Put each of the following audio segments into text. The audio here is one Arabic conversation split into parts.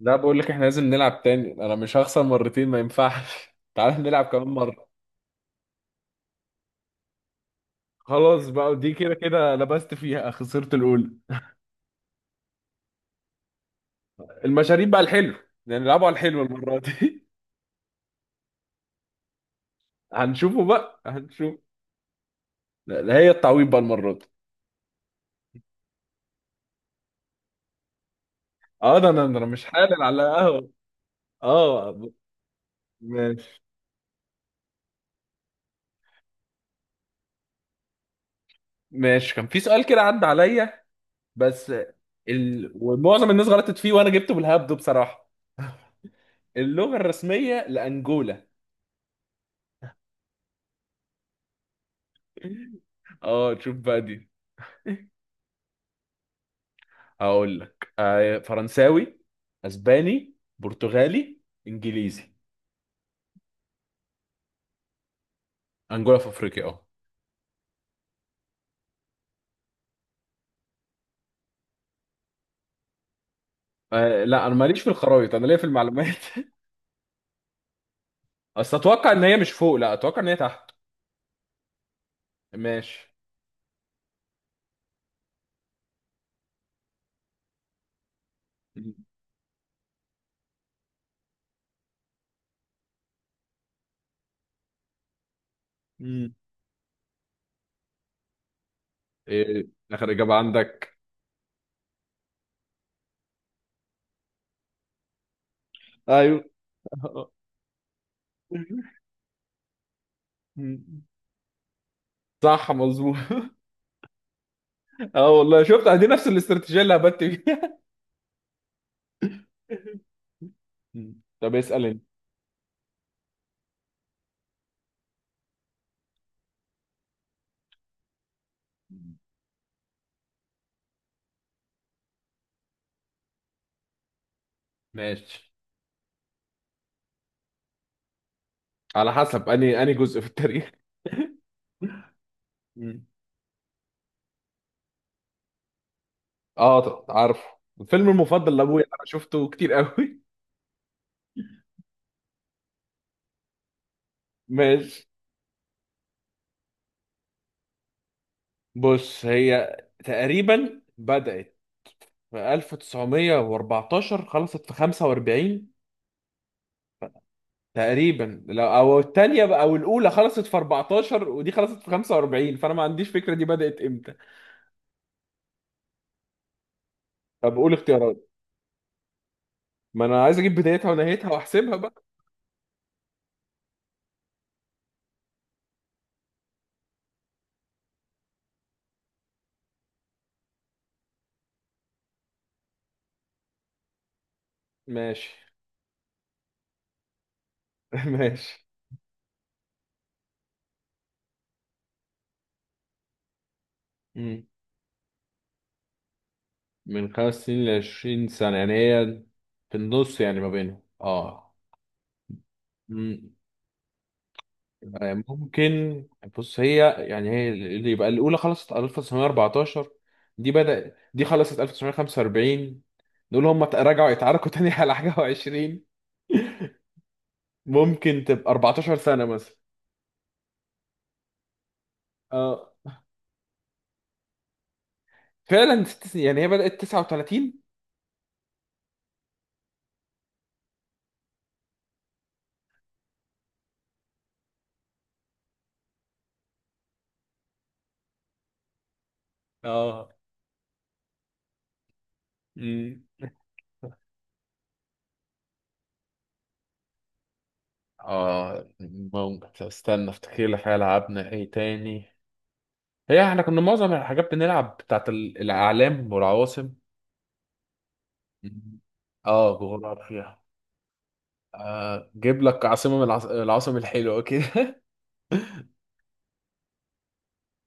لا، بقول لك احنا لازم نلعب تاني، انا مش هخسر مرتين ما ينفعش. تعال نلعب كمان مرة. خلاص بقى دي كده كده لبست فيها، خسرت الاولى. المشاريب بقى الحلو. يعني نلعبه على الحلو المرة دي. هنشوفه بقى، هنشوف. لا لا، هي التعويض بقى المرة دي. اه، ده انا مش حالل على قهوة. اه. ماشي، ماشي. كان في سؤال كده عدى عليا. بس ومعظم الناس غلطت فيه وانا جبته بالهبد بصراحة. اللغة الرسمية لأنجولا. اه، تشوف بقى دي. هقول لك فرنساوي، اسباني، برتغالي، انجليزي. انجولا في افريقيا، اه. لا، انا ماليش في الخرايط، انا ليا في المعلومات. اصل اتوقع ان هي مش فوق، لا اتوقع ان هي تحت. ماشي. مم. مم. ايه اخر اجابه عندك؟ ايوه. مم. صح، مظبوط. اه والله، شفت دي نفس الاستراتيجيه اللي هبت فيها. مم. طب اسال انت. ماشي. على حسب اني جزء في التاريخ. مم. اه، عارفه. الفيلم المفضل لابويا. انا شفته كتير قوي. ماشي. بص، هي تقريبا بدأت في 1914، خلصت في 45. تقريبا، لو او الثانيه بقى، او الاولى خلصت في 14 ودي خلصت في 45، فانا ما عنديش فكره دي بدأت امتى. طب قول اختيارات، ما انا عايز اجيب بدايتها ونهايتها واحسبها بقى. ماشي. ماشي. مم. من خمس سنين ل 20 سنه، يعني هي في النص يعني، ما بينهم، اه. ممكن. بص، هي يعني هي اللي يبقى الاولى خلصت 1914، دي خلصت 1945. دول هم رجعوا يتعاركوا تاني على حاجه و20، ممكن تبقى 14 سنه مثلا. اه فعلا، ست سنين. يعني هي بدأت 39. اه. امم اه، ممكن استنى افتكر لك حاجه لعبنا ايه تاني. هي احنا كنا معظم الحاجات بنلعب بتاعت الاعلام والعواصم. مم. اه، جغرافيا. جيب لك عاصمة من العواصم الحلوة كده.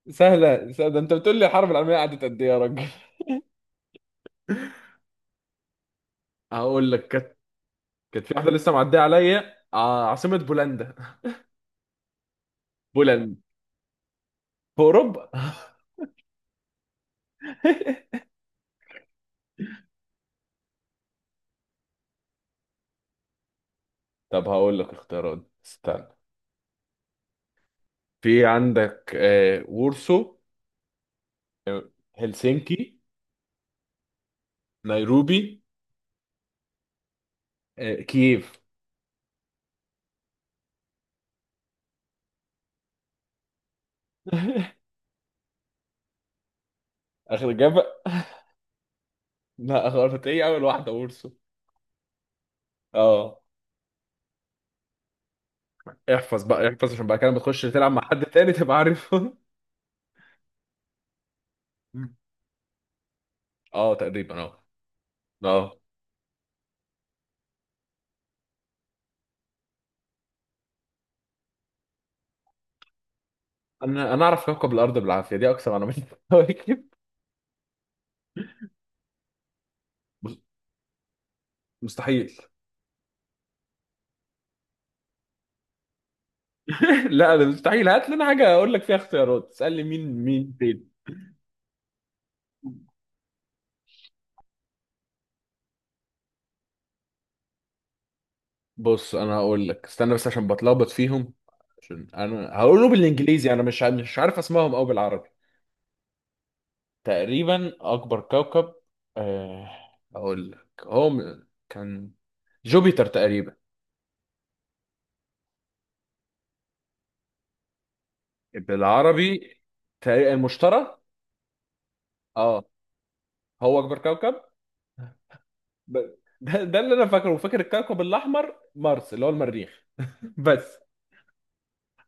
سهلة سهلة؟ ده انت بتقول لي الحرب العالمية قعدت قد ايه يا راجل! هقول لك كانت. كانت في واحدة لسه معدية عليا، عاصمة بولندا. بولندا في اوروبا. طب هقول لك اختيارات، استنى. في عندك وورسو، هلسنكي، نيروبي، كييف. اخر اجابة. لا، غلط، ايه اول واحدة، وورسو. اه. احفظ بقى احفظ عشان بقى كده لما تخش تلعب مع حد تاني تبقى عارفه. اه تقريبا، اه. اه، انا اعرف كوكب الارض بالعافيه، دي اكثر معلومات. كواكب. مس- مستحيل. لا، انا مستحيل. هات لنا حاجه اقول لك فيها اختيارات، تسال لي مين مين فين. بص، انا هقول لك استنى بس عشان بتلخبط فيهم. عشان انا هقوله بالانجليزي، انا مش عارف اسمائهم او بالعربي. تقريبا اكبر كوكب، آه، اقول لك هو كان جوبيتر تقريبا. بالعربي، تقريبا المشتري. اه، هو اكبر كوكب. ده اللي انا فاكره، وفاكر الكوكب الاحمر مارس اللي هو المريخ. بس.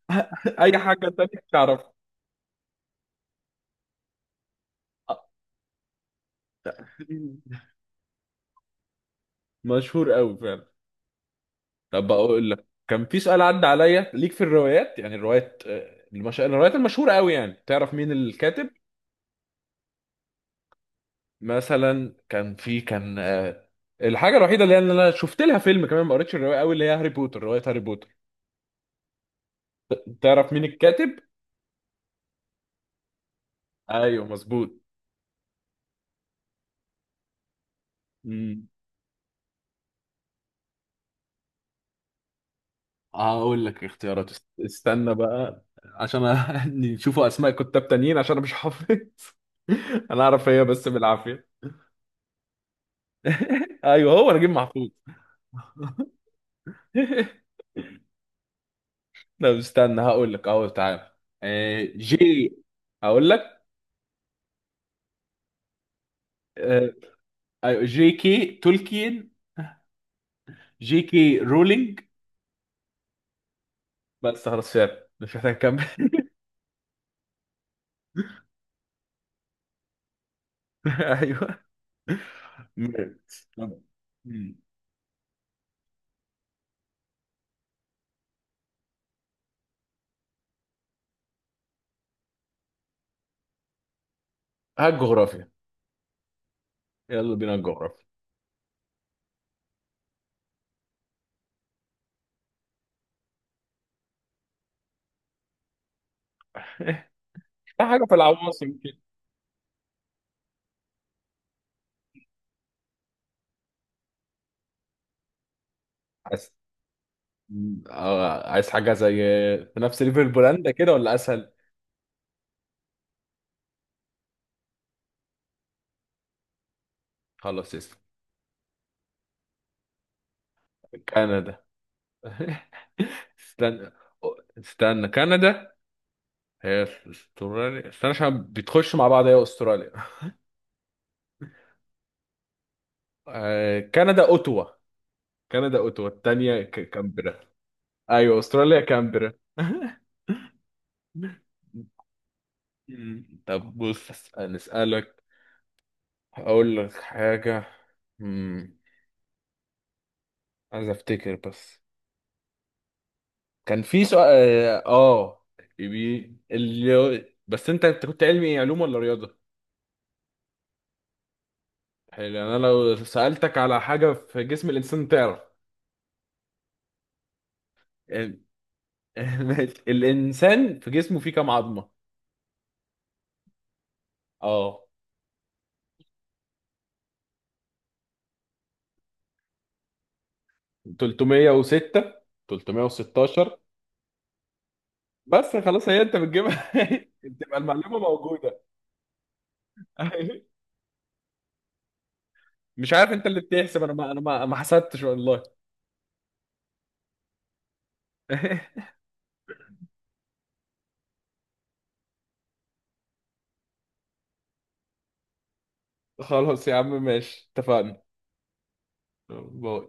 اي حاجه تانية تعرفها؟ مشهور قوي فعلا. طب بقول لك كان في سؤال عدى عليا ليك في الروايات، يعني الروايات الروايات المشهوره قوي، يعني تعرف مين الكاتب. مثلا كان في الحاجه الوحيده اللي انا شفت لها فيلم كمان ما قريتش الروايه قوي، اللي هي هاري بوتر، روايه هاري بوتر. تعرف مين الكاتب؟ ايوه، مظبوط. هقول لك اختيارات، استنى بقى. عشان نشوفوا اسماء كتاب تانيين عشان انا مش حافظ. انا اعرف هي بس بالعافيه. ايوه، هو نجيب محفوظ. لا، استنى هقول لك اهو، تعالى. جي. هقول لك، آه، أيوة، جي كي تولكين، جي كي رولينج. بس خلاص، فعلا مش محتاج اكمل. ايوه. م- م- هات جغرافيا، يلا بينا الجغرافيا. حاجه في العواصم كده. عايز حاجة زي في نفس ليفل بولندا كده، ولا أسهل؟ خلاص. اسم كندا. استنى، استنى كندا. هي استراليا، استنى عشان بتخش مع بعض. هي استراليا. كندا أوتوا. كندا أوتوا، التانية كامبرا. أيوة، استراليا كامبرا. طب بص، نسألك، أقول لك حاجة. مم، عايز أفتكر بس. كان في سؤال. اه، بس انت كنت علمي، إيه، علوم ولا رياضه؟ حلو. يعني انا لو سالتك على حاجه في جسم الانسان تعرف؟ ال- ماشي. الانسان في جسمه فيه كام عظمه؟ اه، 306، 316. بس خلاص، هي انت بتجيبها. تبقى المعلومه موجوده. مش عارف، انت اللي بتحسب، انا ما انا ما حسبتش والله. خلاص يا عم، ماشي، اتفقنا. باي.